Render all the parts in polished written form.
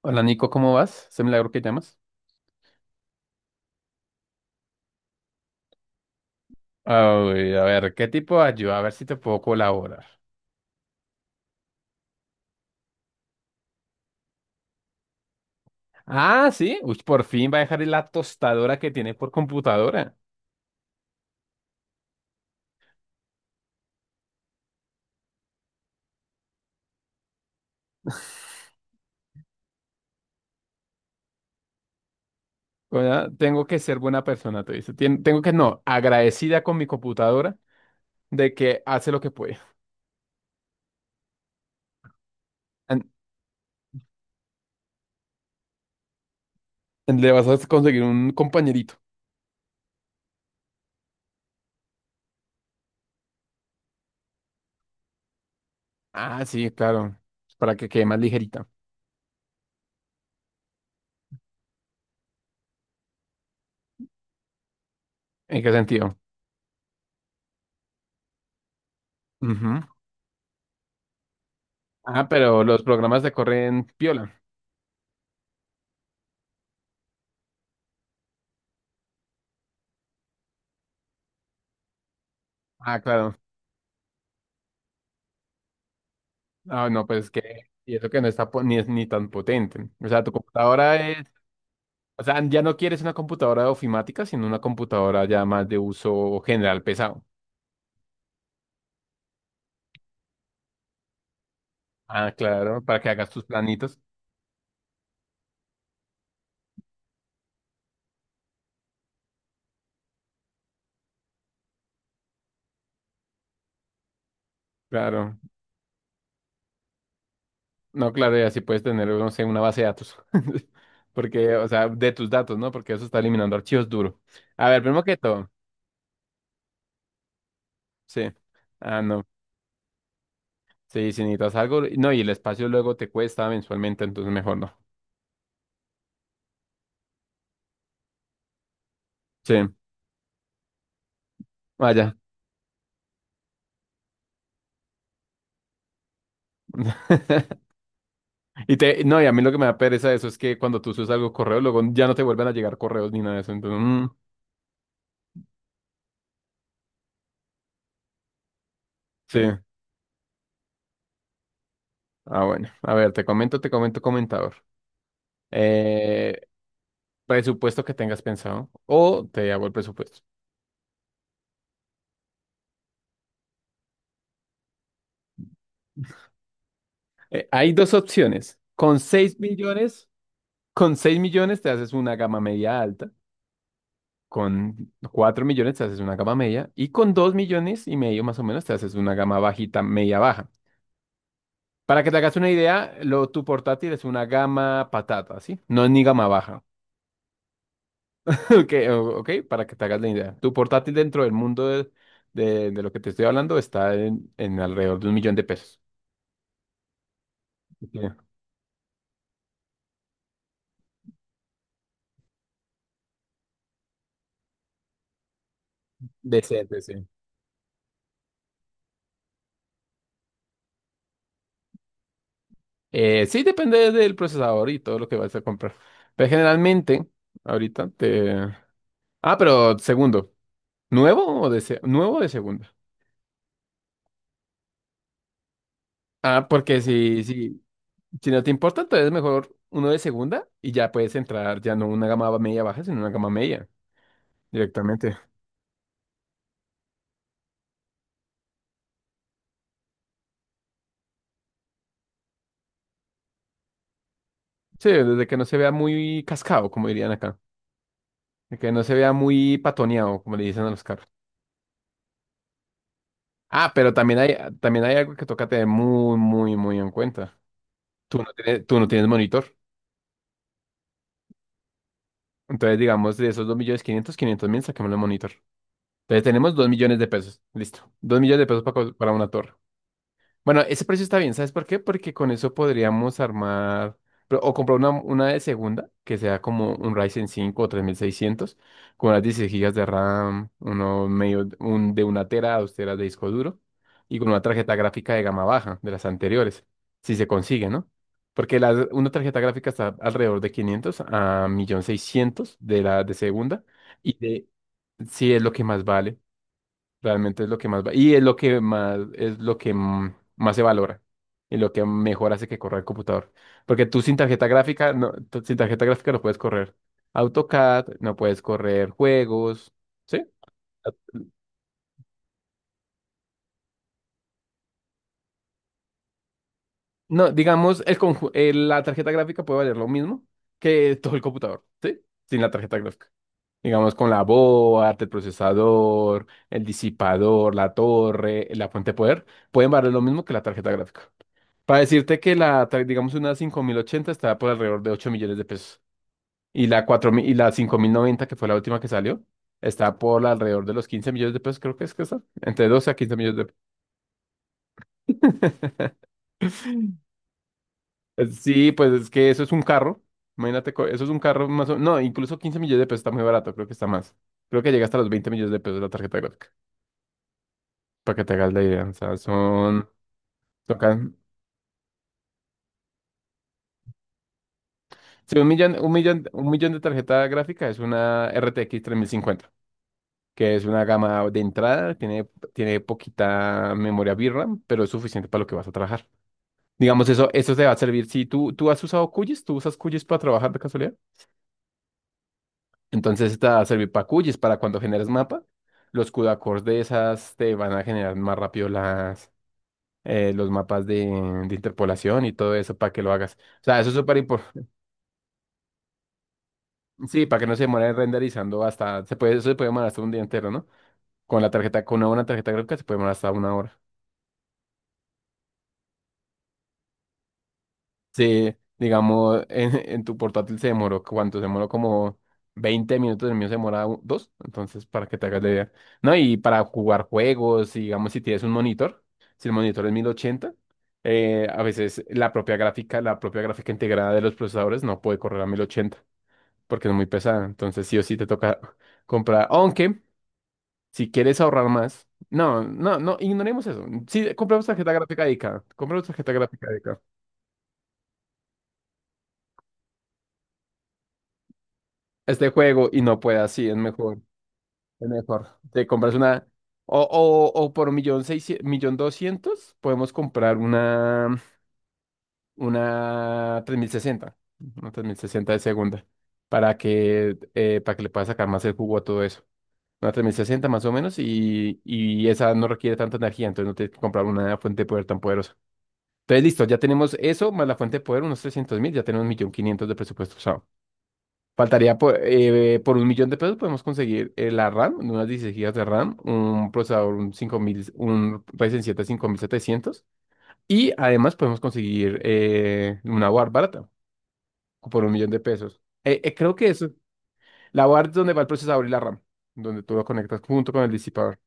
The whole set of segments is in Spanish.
Hola Nico, ¿cómo vas? ¿Se milagro que llamas? Ay, a ver, ¿qué tipo de ayuda? A ver si te puedo colaborar. Ah, sí. Uy, por fin va a dejar la tostadora que tiene por computadora. O tengo que ser buena persona, te dice. Tengo que, no, agradecida con mi computadora de que hace lo que puede. An- Le vas a conseguir un compañerito. Ah, sí, claro. Para que quede más ligerita. ¿En qué sentido? Ujú. Ah, pero los programas te corren piola. Ah, claro. Ah, no, pues que, y eso que no está ni tan potente. O sea, tu computadora es, o sea, ya no quieres una computadora ofimática, sino una computadora ya más de uso general pesado. Ah, claro, para que hagas tus planitos. Claro, no, claro, y así puedes tener, no sé, una base de datos. Porque, o sea, de tus datos, ¿no? Porque eso está eliminando archivos duros. A ver, primero que todo, sí. Ah, no, sí, si necesitas algo, no, y el espacio luego te cuesta mensualmente, entonces mejor no. Sí, vaya. Y te, no, y a mí lo que me da pereza de eso es que cuando tú subes algo correo, luego ya no te vuelven a llegar correos ni nada de eso. Entonces, sí. Ah, bueno. A ver, te comento, comentador. Eh, Presupuesto que tengas pensado o te hago el presupuesto. Hay dos opciones. Con seis millones te haces una gama media alta. Con 4 millones te haces una gama media. Y con 2 millones y medio más o menos te haces una gama bajita, media baja. Para que te hagas una idea, lo, tu portátil es una gama patata, ¿sí? No es ni gama baja. Ok, para que te hagas la idea. Tu portátil dentro del mundo de, de lo que te estoy hablando está en alrededor de un millón de pesos. Ok. Decente, sí. Sí, depende del procesador y todo lo que vas a comprar. Pero generalmente, ahorita te... Ah, pero segundo. ¿Nuevo o de segundo? Ah, porque si, si, Si no te importa, entonces mejor uno de segunda y ya puedes entrar, ya no una gama media baja, sino una gama media directamente. Sí, desde que no se vea muy cascado, como dirían acá. De que no se vea muy patoneado, como le dicen a los carros. Ah, pero también hay algo que toca tener muy, muy, muy en cuenta. Tú no tienes monitor. Entonces, digamos, de esos 2 millones quinientos mil, saquemos el monitor. Entonces, tenemos 2 millones de pesos. Listo. 2 millones de pesos para, para una torre. Bueno, ese precio está bien, ¿sabes por qué? Porque con eso podríamos armar o comprar una de segunda, que sea como un Ryzen cinco o 3600 con unas 16 gigas de RAM, uno medio, un, de una tera, dos teras de disco duro, y con una tarjeta gráfica de gama baja, de las anteriores, si se consigue, ¿no? Porque la, una tarjeta gráfica está alrededor de 500 a 1.600.000 de la de segunda, y de, sí es lo que más vale. Realmente es lo que más va. Y es lo que más, es lo que más se valora. Y lo que mejor hace que corra el computador. Porque tú sin tarjeta gráfica, no, tú sin tarjeta gráfica no puedes correr AutoCAD, no puedes correr juegos. ¿Sí? No, digamos, la tarjeta gráfica puede valer lo mismo que todo el computador, ¿sí? Sin la tarjeta gráfica. Digamos, con la board, el procesador, el disipador, la torre, la fuente de poder, pueden valer lo mismo que la tarjeta gráfica. Para decirte que digamos, una 5080 estaba por alrededor de 8 millones de pesos. Y la 4000 y la 5090 que fue la última que salió, está por alrededor de los 15 millones de pesos, creo que es que está. Entre 12 a 15 millones de pesos. Pues sí, pues es que eso es un carro. Imagínate, eso es un carro más o no, incluso 15 millones de pesos está muy barato, creo que está más. Creo que llega hasta los 20 millones de pesos la tarjeta gráfica. Para que te hagas la idea. O sea, son. Tocan. Sí, un millón de tarjeta gráfica es una RTX cincuenta que es una gama de entrada, tiene poquita memoria VRAM, pero es suficiente para lo que vas a trabajar. Digamos, eso te va a servir. Si tú has usado QGIS, tú usas QGIS para trabajar de casualidad, entonces te va a servir para QGIS, para cuando generes mapa, los CUDA cores de esas te van a generar más rápido las, los mapas de interpolación y todo eso para que lo hagas. O sea, eso es súper importante. Sí, para que no se demore renderizando hasta, se puede, eso se puede demorar hasta un día entero, ¿no? Con la tarjeta, con una buena tarjeta gráfica se puede demorar hasta una hora. Sí, digamos, en tu portátil se demoró, ¿cuánto? Se demoró como 20 minutos, el mío se demora dos, entonces para que te hagas la idea. No, y para jugar juegos, y digamos, si tienes un monitor, si el monitor es 1080, a veces la propia gráfica integrada de los procesadores no puede correr a 1080 porque es muy pesada, entonces sí o sí te toca comprar, aunque si quieres ahorrar más, no, no, no, ignoremos eso, sí, compramos tarjeta gráfica dedicada, compramos tarjeta gráfica este juego y no puedas, sí, es mejor, es mejor. Te compras una, o por millón seiscientos, millón doscientos, podemos comprar una, una 3060 una tres mil sesenta de segunda, para que le puedas sacar más el jugo a todo eso. Una 3060 más o menos y esa no requiere tanta energía, entonces no tienes que comprar una fuente de poder tan poderosa. Entonces, listo, ya tenemos eso, más la fuente de poder, unos 300 mil, ya tenemos un millón quinientos de presupuesto. Faltaría por un millón de pesos podemos conseguir la RAM, unas 16 gigas de RAM, un procesador, un Ryzen siete cinco mil setecientos y además podemos conseguir una board barata por un millón de pesos. Creo que eso, la board es donde va el procesador y la RAM, donde tú lo conectas junto con el disipador.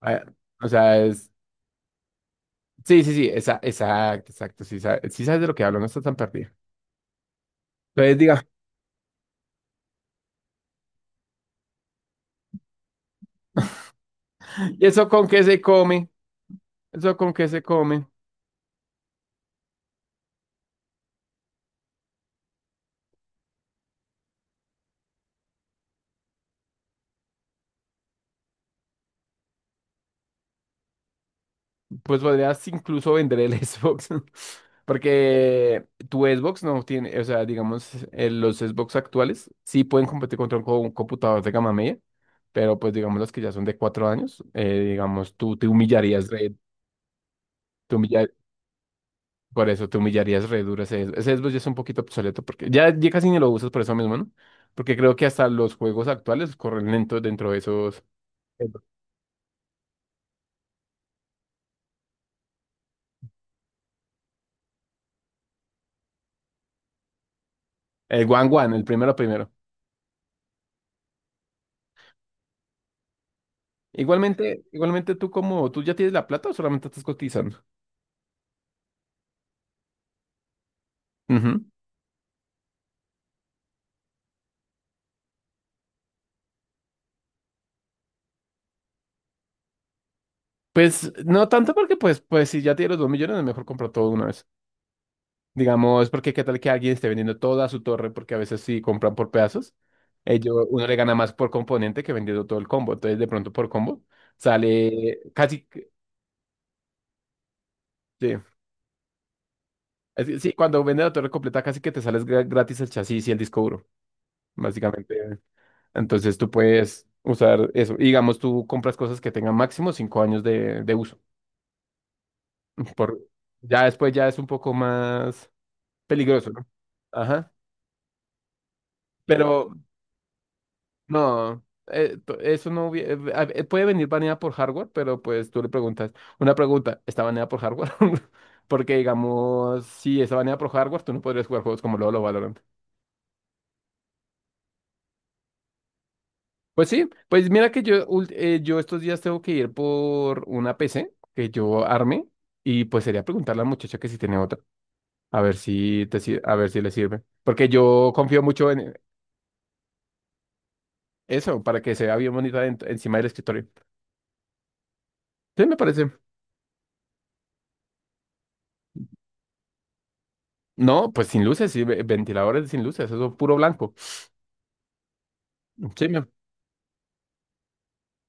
Ah, o sea, es... Sí, sí, sí, esa, exacto, exacto, sí, sí sabes de lo que hablo, no estás tan perdido. Entonces diga, ¿y eso con qué se come? ¿Eso con qué se come? Pues podrías incluso vender el Xbox, ¿no? Porque tu Xbox no tiene, o sea, digamos, los Xbox actuales sí pueden competir contra un, un computador de gama media, pero pues digamos los que ya son de 4 años, digamos, tú te humillarías re, te humilla- por eso te humillarías re duro ese, Xbox. Ese Xbox ya es un poquito obsoleto, porque ya, ya casi ni lo usas por eso mismo, ¿no? Porque creo que hasta los juegos actuales corren lentos dentro de esos, el el One One, el primero primero. Igualmente, igualmente tú como, ¿tú ya tienes la plata o solamente estás cotizando? Ujú. Pues no tanto porque pues, pues si ya tienes los dos millones, es mejor comprar todo de una vez. Digamos, porque qué tal que alguien esté vendiendo toda su torre, porque a veces si compran por pedazos, ellos, uno le gana más por componente que vendiendo todo el combo. Entonces de pronto por combo sale casi, que- sí, es que sí, cuando vendes la torre completa casi que te sales gratis el chasis y el disco duro, básicamente. Entonces tú puedes usar eso. Y digamos, tú compras cosas que tengan máximo 5 años de uso. Por, ya después ya es un poco más peligroso, ¿no? Ajá. Pero no, p- eso no hubie- a- puede venir baneada por hardware, pero pues tú le preguntas, una pregunta, ¿está baneada por hardware? Porque digamos, si está baneada por hardware, tú no podrías jugar juegos como LoL o Valorant. Pues sí, pues mira que yo, yo estos días tengo que ir por una PC que yo arme y pues sería preguntarle a la muchacha que si tiene otra, a ver si te, a ver si le sirve. Porque yo confío mucho en, eso, para que se vea bien bonita encima del escritorio. Sí, me parece. No, pues sin luces, sí, ventiladores sin luces, eso puro blanco. Sí,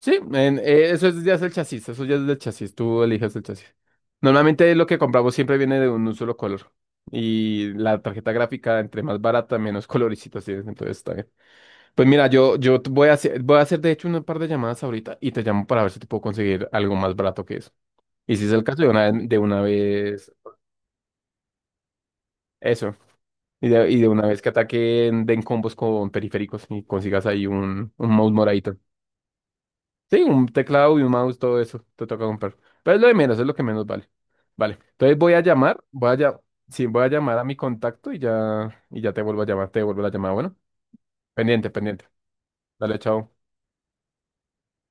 sí, ya es el chasis, eso ya es del chasis, tú eliges el chasis. Normalmente lo que compramos siempre viene de un solo color. Y la tarjeta gráfica, entre más barata, menos coloricitos tienes, entonces está bien. Pues mira, yo, voy a hacer de hecho un par de llamadas ahorita y te llamo para ver si te puedo conseguir algo más barato que eso. Y si es el caso, de una vez, eso. Y de una vez que ataquen, den combos con periféricos y consigas ahí un mouse moradito. Sí, un teclado y un mouse, todo eso te toca comprar. Pero es lo de menos, es lo que menos vale. Vale, entonces voy a llamar, sí, voy a llamar a mi contacto y ya te vuelvo a llamar, te vuelvo la llamada. Bueno, pendiente, pendiente. Dale, chao.